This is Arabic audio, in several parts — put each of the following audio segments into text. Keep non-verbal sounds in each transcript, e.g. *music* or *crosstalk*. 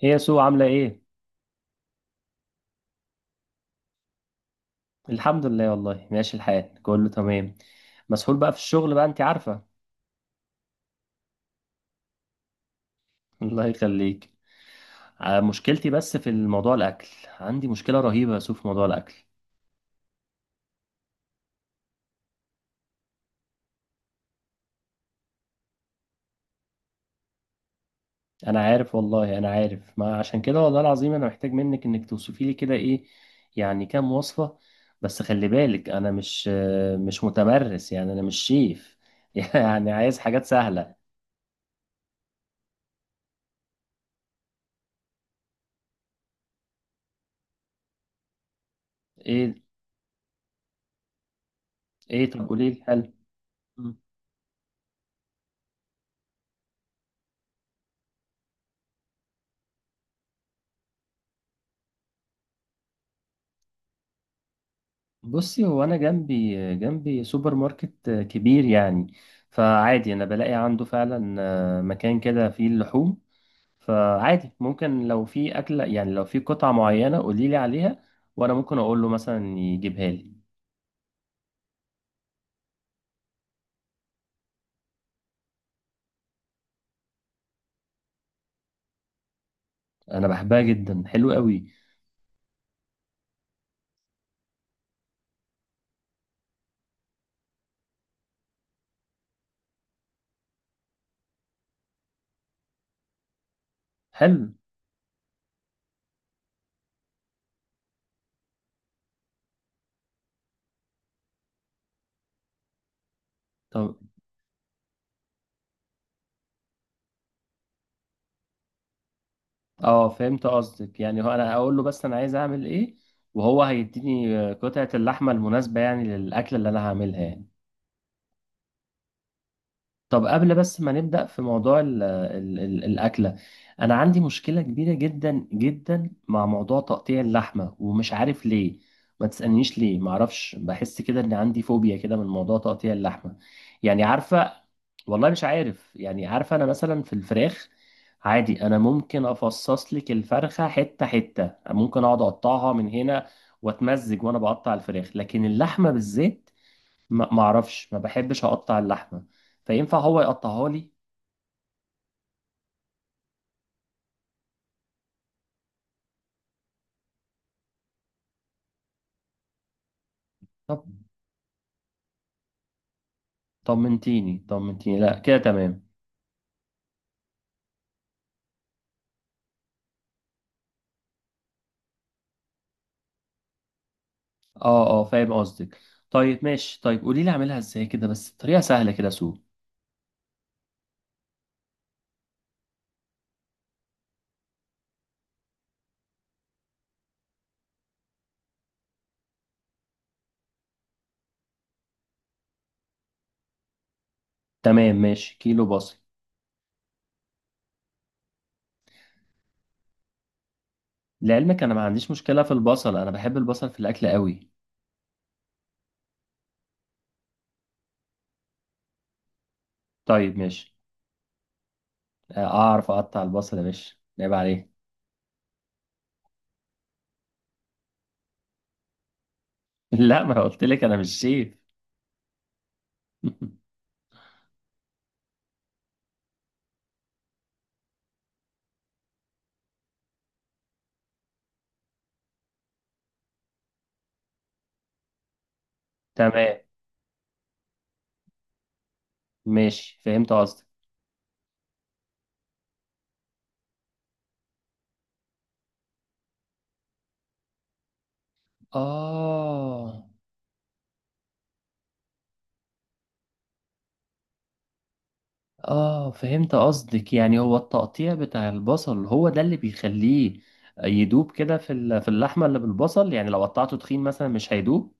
هي يا سو عاملة ايه؟ الحمد لله والله، ماشي الحال كله تمام. مسحول بقى في الشغل بقى، انت عارفة. *laughs* الله يخليك. مشكلتي بس في الموضوع الأكل. عندي مشكلة رهيبة يا سو في موضوع الأكل. أنا عارف والله، أنا عارف، ما عشان كده والله العظيم أنا محتاج منك إنك توصفي لي كده ايه يعني، كام وصفة. بس خلي بالك أنا مش متمرس، يعني أنا مش شيف. *laughs* يعني عايز حاجات سهلة. ايه. ايه، طب قولي لي حل. بصي، هو انا جنبي جنبي سوبر ماركت كبير يعني، فعادي انا بلاقي عنده فعلا مكان كده فيه اللحوم. فعادي ممكن لو في اكله، يعني لو في قطعه معينه قولي لي عليها، وانا ممكن اقول له مثلا يجيبها لي. انا بحبها جدا، حلو قوي. حلو. طب، اه فهمت قصدك، يعني هو انا اقول له بس انا عايز اعمل ايه، وهو هيديني قطعه اللحمه المناسبه يعني للاكله اللي انا هعملها يعني. طب قبل بس ما نبدأ في موضوع ال ال ال الأكلة، أنا عندي مشكلة كبيرة جدا جدا مع موضوع تقطيع اللحمة ومش عارف ليه. ما تسألنيش ليه، معرفش، بحس كده إن عندي فوبيا كده من موضوع تقطيع اللحمة، يعني عارفة. والله مش عارف، يعني عارفة، أنا مثلا في الفراخ عادي أنا ممكن أفصص لك الفرخة حتة حتة، ممكن أقعد أقطعها من هنا وأتمزج وأنا بقطع الفراخ، لكن اللحمة بالذات ما اعرفش، ما بحبش اقطع اللحمه، فينفع هو يقطعها لي؟ طب، طمنتيني طمنتيني، لا كده تمام. اه اه، فاهم قصدك. طيب ماشي، طيب قولي لي اعملها ازاي كده، بس بطريقه سهله كده سو. تمام ماشي، كيلو بصل. لعلمك انا ما عنديش مشكله في البصل، انا بحب البصل في الاكل قوي. طيب ماشي، اعرف اقطع البصل يا باشا، عيب عليه. *laughs* لا، ما قلت لك انا مش شيف. *laughs* تمام ماشي، فهمت قصدك. اه اه، فهمت قصدك، يعني هو التقطيع بتاع البصل هو ده اللي بيخليه يدوب كده في اللحمة اللي بالبصل، يعني لو قطعته تخين مثلا مش هيدوب.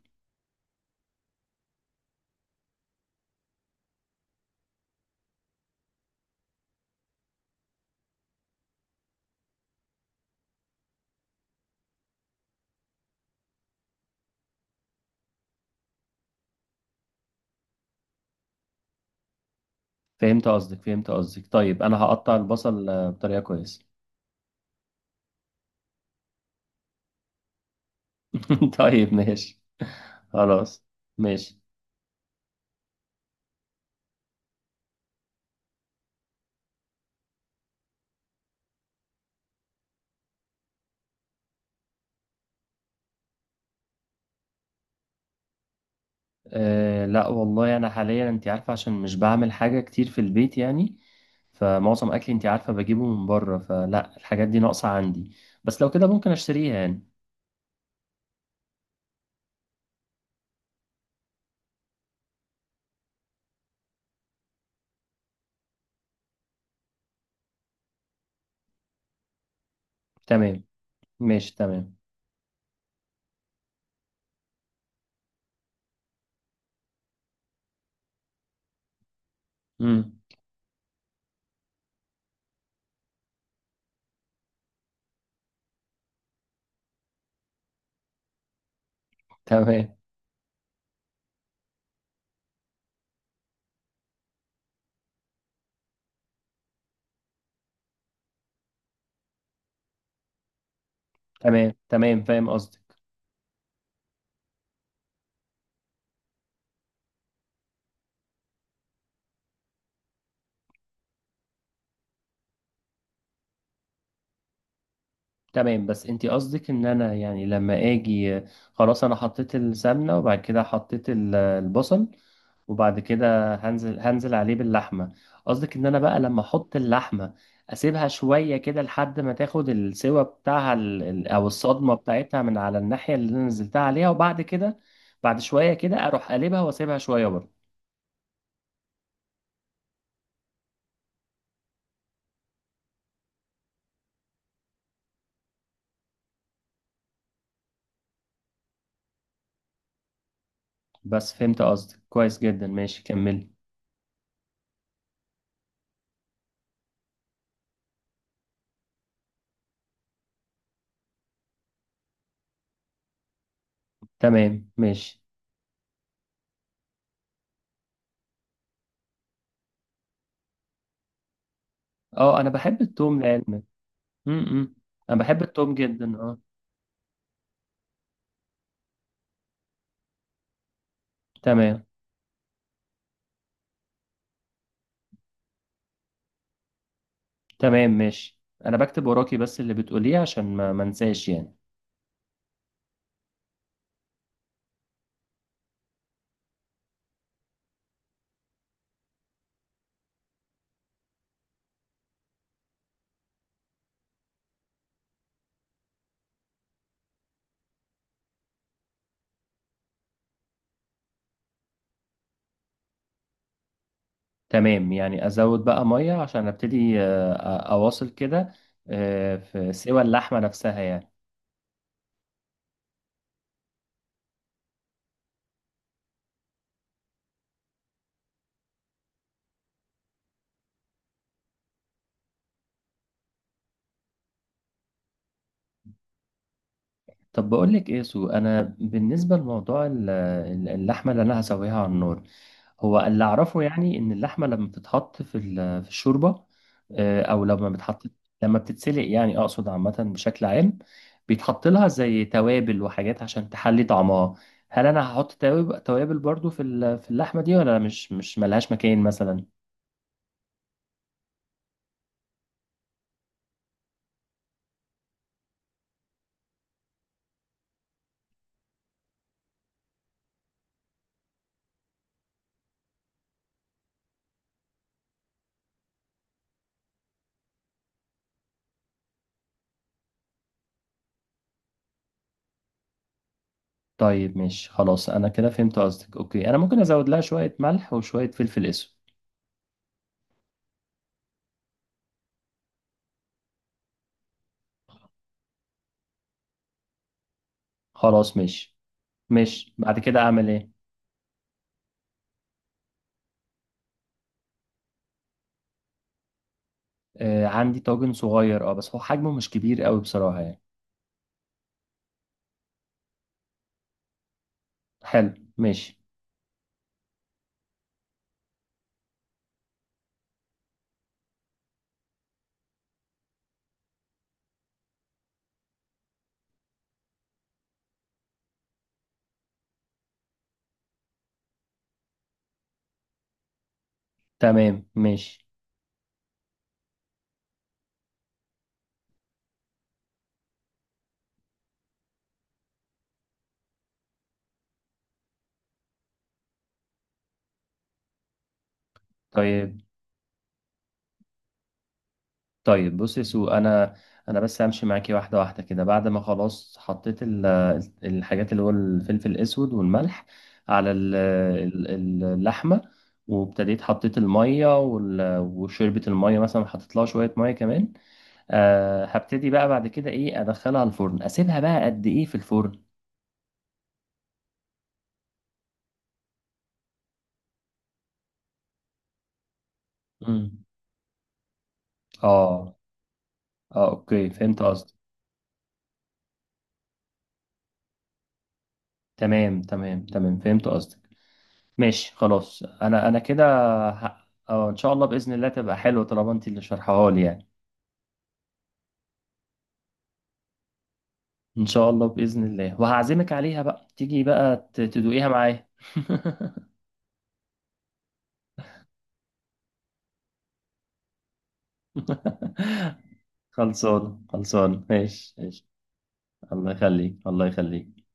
فهمت قصدك. طيب انا هقطع البصل بطريقة كويسة. *laughs* طيب ماشي. خلاص ماشي. أه، لا والله، انا حاليا انت عارفة عشان مش بعمل حاجة كتير في البيت يعني، فمعظم اكلي انت عارفة بجيبه من بره، فلا الحاجات دي ناقصة عندي، بس لو كده ممكن اشتريها يعني. تمام ماشي. تمام. مم. تمام تمام تمام، فاهم قصدك. تمام، بس انت قصدك ان انا يعني لما اجي، خلاص انا حطيت السمنه وبعد كده حطيت البصل، وبعد كده هنزل عليه باللحمه. قصدك ان انا بقى لما احط اللحمه، اسيبها شويه كده لحد ما تاخد السوا بتاعها، او الصدمه بتاعتها من على الناحيه اللي انا نزلتها عليها، وبعد كده بعد شويه كده اروح قلبها واسيبها شويه برضه. بس فهمت قصدك كويس جدا، ماشي كمل. تمام ماشي. اه، انا بحب التوم لان. امم، انا بحب التوم جدا، اه. تمام تمام ماشي، انا بكتب وراكي بس اللي بتقوليه عشان ما انساش يعني. تمام، يعني ازود بقى ميه عشان ابتدي، اواصل كده في سوى اللحمه نفسها يعني. طب بقول لك ايه يا سو، انا بالنسبه لموضوع اللحمه اللي انا هسويها على النار، هو اللي اعرفه يعني ان اللحمه لما بتتحط في الشوربه، او لما بتحط، لما بتتسلق يعني، اقصد عامه بشكل عام، بيتحط لها زي توابل وحاجات عشان تحلي طعمها. هل انا هحط توابل برضو في اللحمه دي، ولا مش ملهاش مكان مثلا؟ طيب ماشي خلاص، انا كده فهمت قصدك، اوكي انا ممكن ازود لها شويه ملح وشويه فلفل اسود. خلاص ماشي. ماشي، بعد كده اعمل ايه؟ آه، عندي طاجن صغير، اه بس هو حجمه مش كبير قوي بصراحه يعني. حلو ماشي. تمام ماشي. طيب طيب، بص يا سو، انا بس همشي معاكي واحده واحده كده، بعد ما خلاص حطيت الحاجات اللي هو الفلفل الاسود والملح على اللحمه، وابتديت حطيت الميه وشربت الميه، مثلا حطيت لها شويه ميه كمان. أه، هبتدي بقى بعد كده ايه، ادخلها الفرن، اسيبها بقى قد ايه في الفرن؟ امم. اه اه، اوكي فهمت قصدك. تمام تمام تمام، فهمت قصدك. ماشي خلاص، انا كده، اه، ان شاء الله باذن الله تبقى حلوه طالما انت اللي شارحاها لي يعني. ان شاء الله باذن الله، وهعزمك عليها بقى تيجي بقى تدوقيها معايا. *laughs* خلصان خلصان، ماشي ماشي. الله يخليك، الله يخليك.